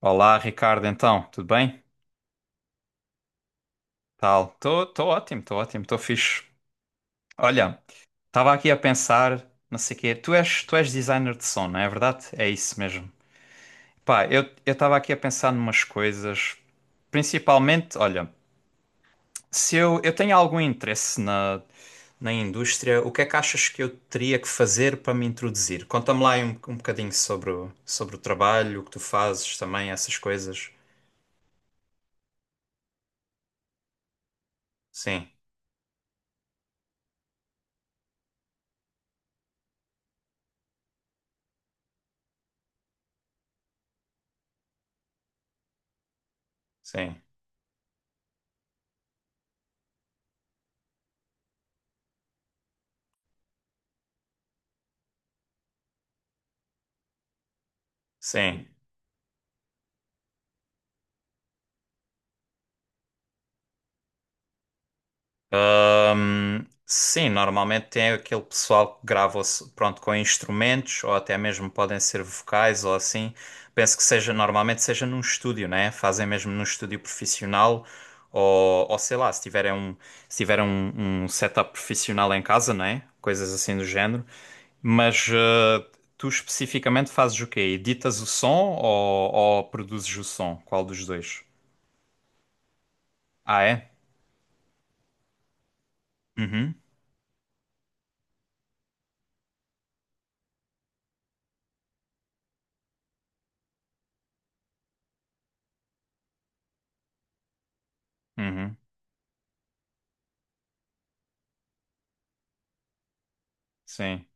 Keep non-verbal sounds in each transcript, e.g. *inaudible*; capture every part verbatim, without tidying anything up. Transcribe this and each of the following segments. Olá, Ricardo, então, tudo bem? Tal. Estou ótimo, estou ótimo, estou fixe. Olha, estava aqui a pensar, não sei o quê. Tu és, tu és designer de som, não é verdade? É isso mesmo. Pá, eu eu estava aqui a pensar numas coisas. Principalmente, olha, se eu, eu tenho algum interesse na, na indústria. O que é que achas que eu teria que fazer para me introduzir? Conta-me lá aí um, um bocadinho sobre o, sobre o trabalho, o que tu fazes também, essas coisas. Sim, sim, sim. Ahm, sim, normalmente tem aquele pessoal que grava o s- pronto, com instrumentos ou até mesmo podem ser vocais ou assim. Penso que seja normalmente seja num estúdio, né? Fazem mesmo num estúdio profissional ou, ou sei lá, se tiverem um, se tiverem um, um setup profissional em casa, né? Coisas assim do género. Mas ah, tu especificamente fazes o quê? Editas o som ou, ou produzes o som? Qual dos dois? Ah, é? Uhum, uhum, sim,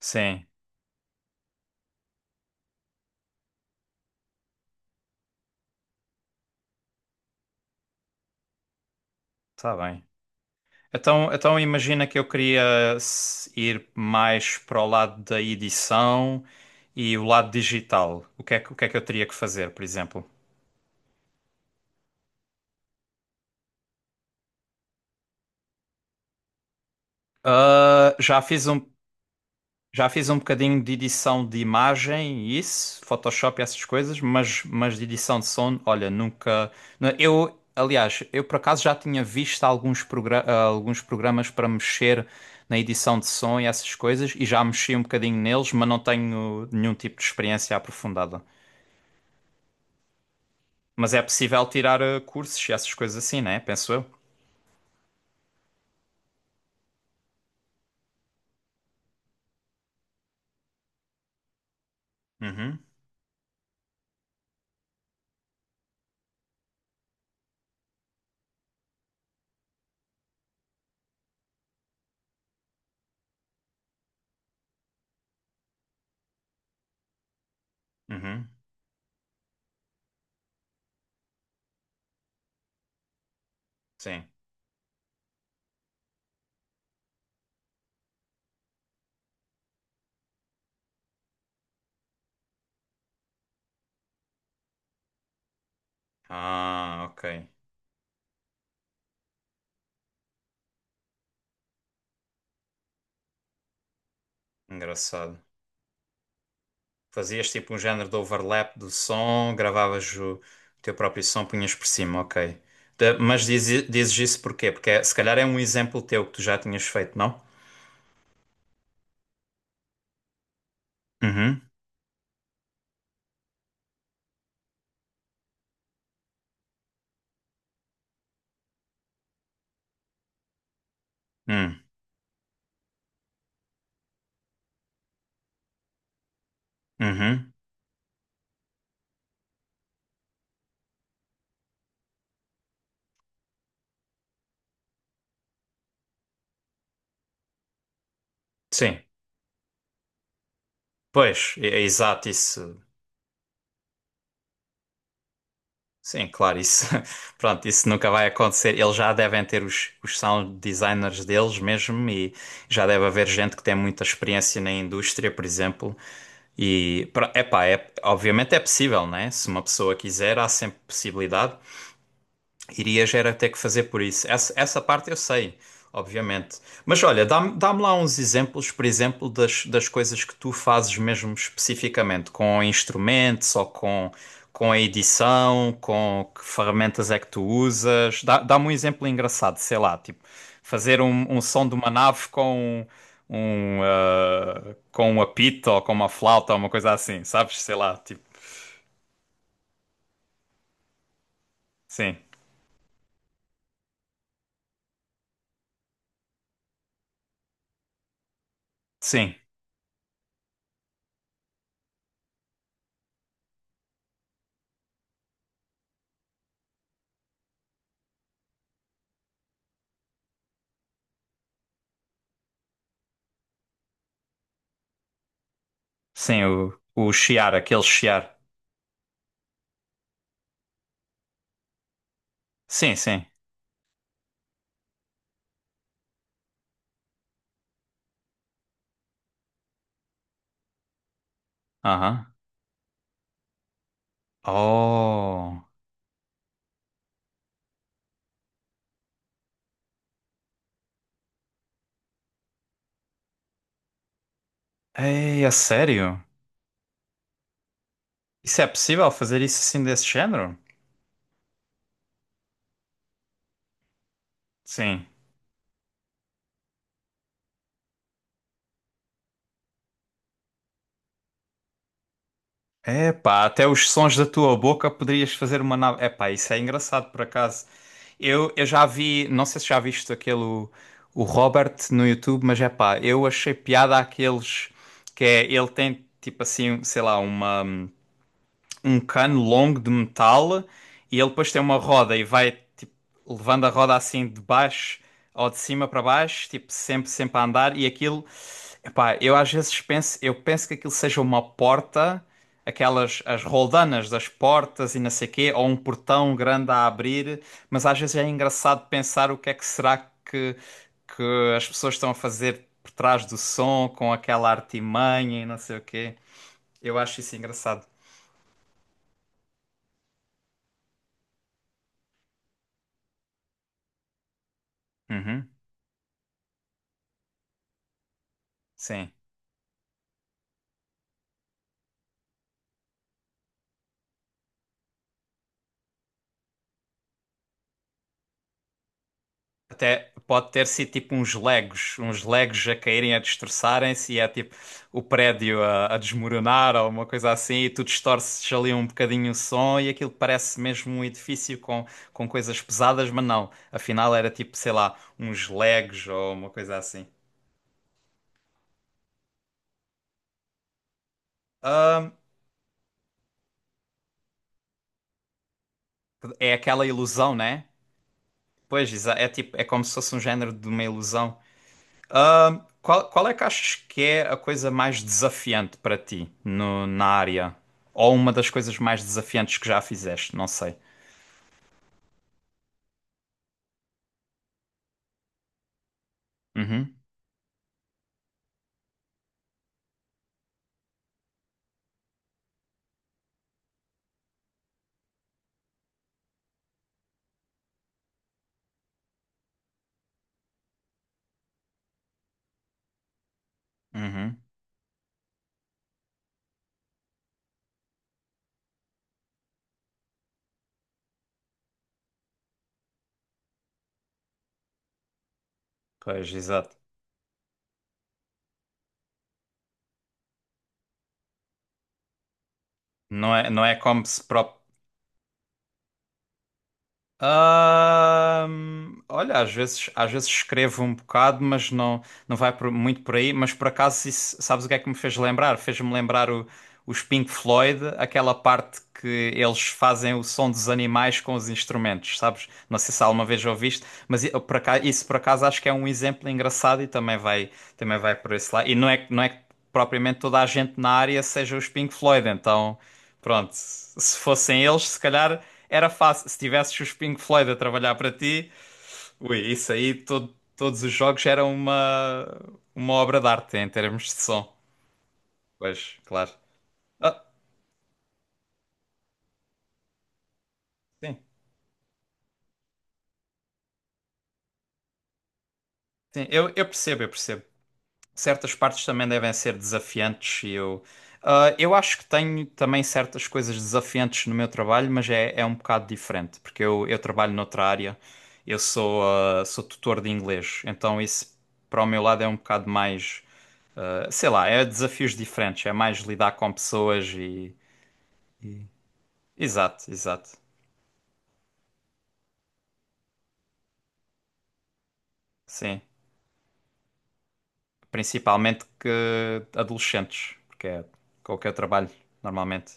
sim. Está bem. Então, então imagina que eu queria s- ir mais para o lado da edição e o lado digital. O que é que, o que é que eu teria que fazer, por exemplo? Ah, já fiz um. Já fiz um bocadinho de edição de imagem, e isso, Photoshop e essas coisas, mas, mas de edição de som, olha, nunca. Não, eu, aliás, eu por acaso já tinha visto alguns, progra- ah, alguns programas para mexer na edição de som e essas coisas, e já mexi um bocadinho neles, mas não tenho nenhum tipo de experiência aprofundada. Mas é possível tirar ah, cursos e essas coisas assim, né? Penso eu. Uhum, uhum, sim. Ah, ok. Engraçado. Fazias tipo um género de overlap do som, gravavas o teu próprio som, punhas por cima, ok. Da- mas dizi- dizes isso porquê? Porque é- se calhar é um exemplo teu que tu já tinhas feito, não? Uhum, hum, uhum, sim. Pois, é, é exato isso. Sim, claro, isso, *laughs* pronto, isso nunca vai acontecer. Eles já devem ter os, os sound designers deles mesmo e já deve haver gente que tem muita experiência na indústria, por exemplo. E, pro- epá, é, obviamente é possível, né? Se uma pessoa quiser, há sempre possibilidade. Irias era ter que fazer por isso. Essa, essa parte eu sei, obviamente. Mas olha, dá-me dá-me lá uns exemplos, por exemplo, das, das coisas que tu fazes mesmo especificamente, com instrumentos ou com, com a edição, com que ferramentas é que tu usas. Dá- Dá-me um exemplo engraçado, sei lá, tipo, fazer um, um som de uma nave com um, ah, com um apito ou com uma flauta ou uma coisa assim, sabes? Sei lá, tipo, sim, sim, sim, o, o chiar, aquele chiar. Sim, sim. Aham. Oh. Ei, é sério? Isso é possível fazer isso assim desse género? Sim. Epá, até os sons da tua boca poderias fazer uma nave. Epá, isso é engraçado por acaso. Eu, eu já vi, não sei se já viste aquele o o Robert no YouTube, mas epá, eu achei piada àqueles que é ele tem tipo assim, sei lá, uma um cano longo de metal e ele depois tem uma roda e vai tipo, levando a roda assim de baixo ou de cima para baixo, tipo sempre, sempre a andar e aquilo, epá, eu às vezes penso, eu penso que aquilo seja uma porta, aquelas as roldanas das portas e não sei quê, ou um portão grande a abrir, mas às vezes é engraçado pensar o que é que será que que as pessoas estão a fazer por trás do som com aquela artimanha e não sei o quê. Eu acho isso engraçado. Uhum, sim. Até pode ter sido tipo uns legos, uns legos a caírem, a destroçarem-se e é tipo o prédio a, a desmoronar ou uma coisa assim, e tu distorces ali um bocadinho o som e aquilo parece mesmo um edifício com, com coisas pesadas, mas não. Afinal era tipo, sei lá, uns legos ou uma coisa assim. Ahm, É aquela ilusão, né? Pois, exa- é tipo, é como se fosse um género de uma ilusão. Ah, qual, qual é que achas que é a coisa mais desafiante para ti no- na área? Ou uma das coisas mais desafiantes que já fizeste? Não sei. Uhum, uhum. Pois, exato. Não é, não é como se pró- Ahm, olha, às vezes, às vezes escrevo um bocado, mas não, não vai por- muito por aí. Mas por acaso, isso, sabes o que é que me fez lembrar? Fez-me lembrar o, os Pink Floyd, aquela parte que eles fazem o som dos animais com os instrumentos, sabes? Não sei se alguma vez ouviste, mas eu, por acaso, isso por acaso acho que é um exemplo engraçado e também vai, também vai por esse lado. E não é, que- não é que propriamente toda a gente na área seja os Pink Floyd, então. Pronto, se fossem eles, se calhar era fácil. Se tivesses os Pink Floyd a trabalhar para ti, ui, isso aí, todo- todos os jogos eram uma, uma obra de arte em termos de som. Pois, claro. Ah, sim, sim, eu, eu percebo, eu percebo. Certas partes também devem ser desafiantes e eu, ah, eu acho que tenho também certas coisas desafiantes no meu trabalho, mas é, é um bocado diferente, porque eu, eu trabalho noutra área, eu sou, ah, sou tutor de inglês, então isso para o meu lado é um bocado mais. Uh, sei lá, é desafios diferentes, é mais lidar com pessoas e. Exato, exato. Sim. Principalmente que adolescentes, porque é com o que eu trabalho normalmente.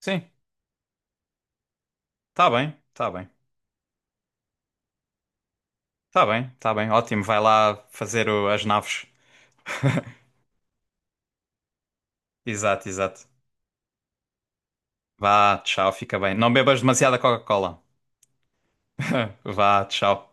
Sim, tá bem, tá bem. Tá bem, tá bem. Ótimo, vai lá fazer o- as naves. *laughs* Exato, exato. Vá, tchau, fica bem. Não bebas demasiada Coca-Cola. *laughs* Vá, tchau.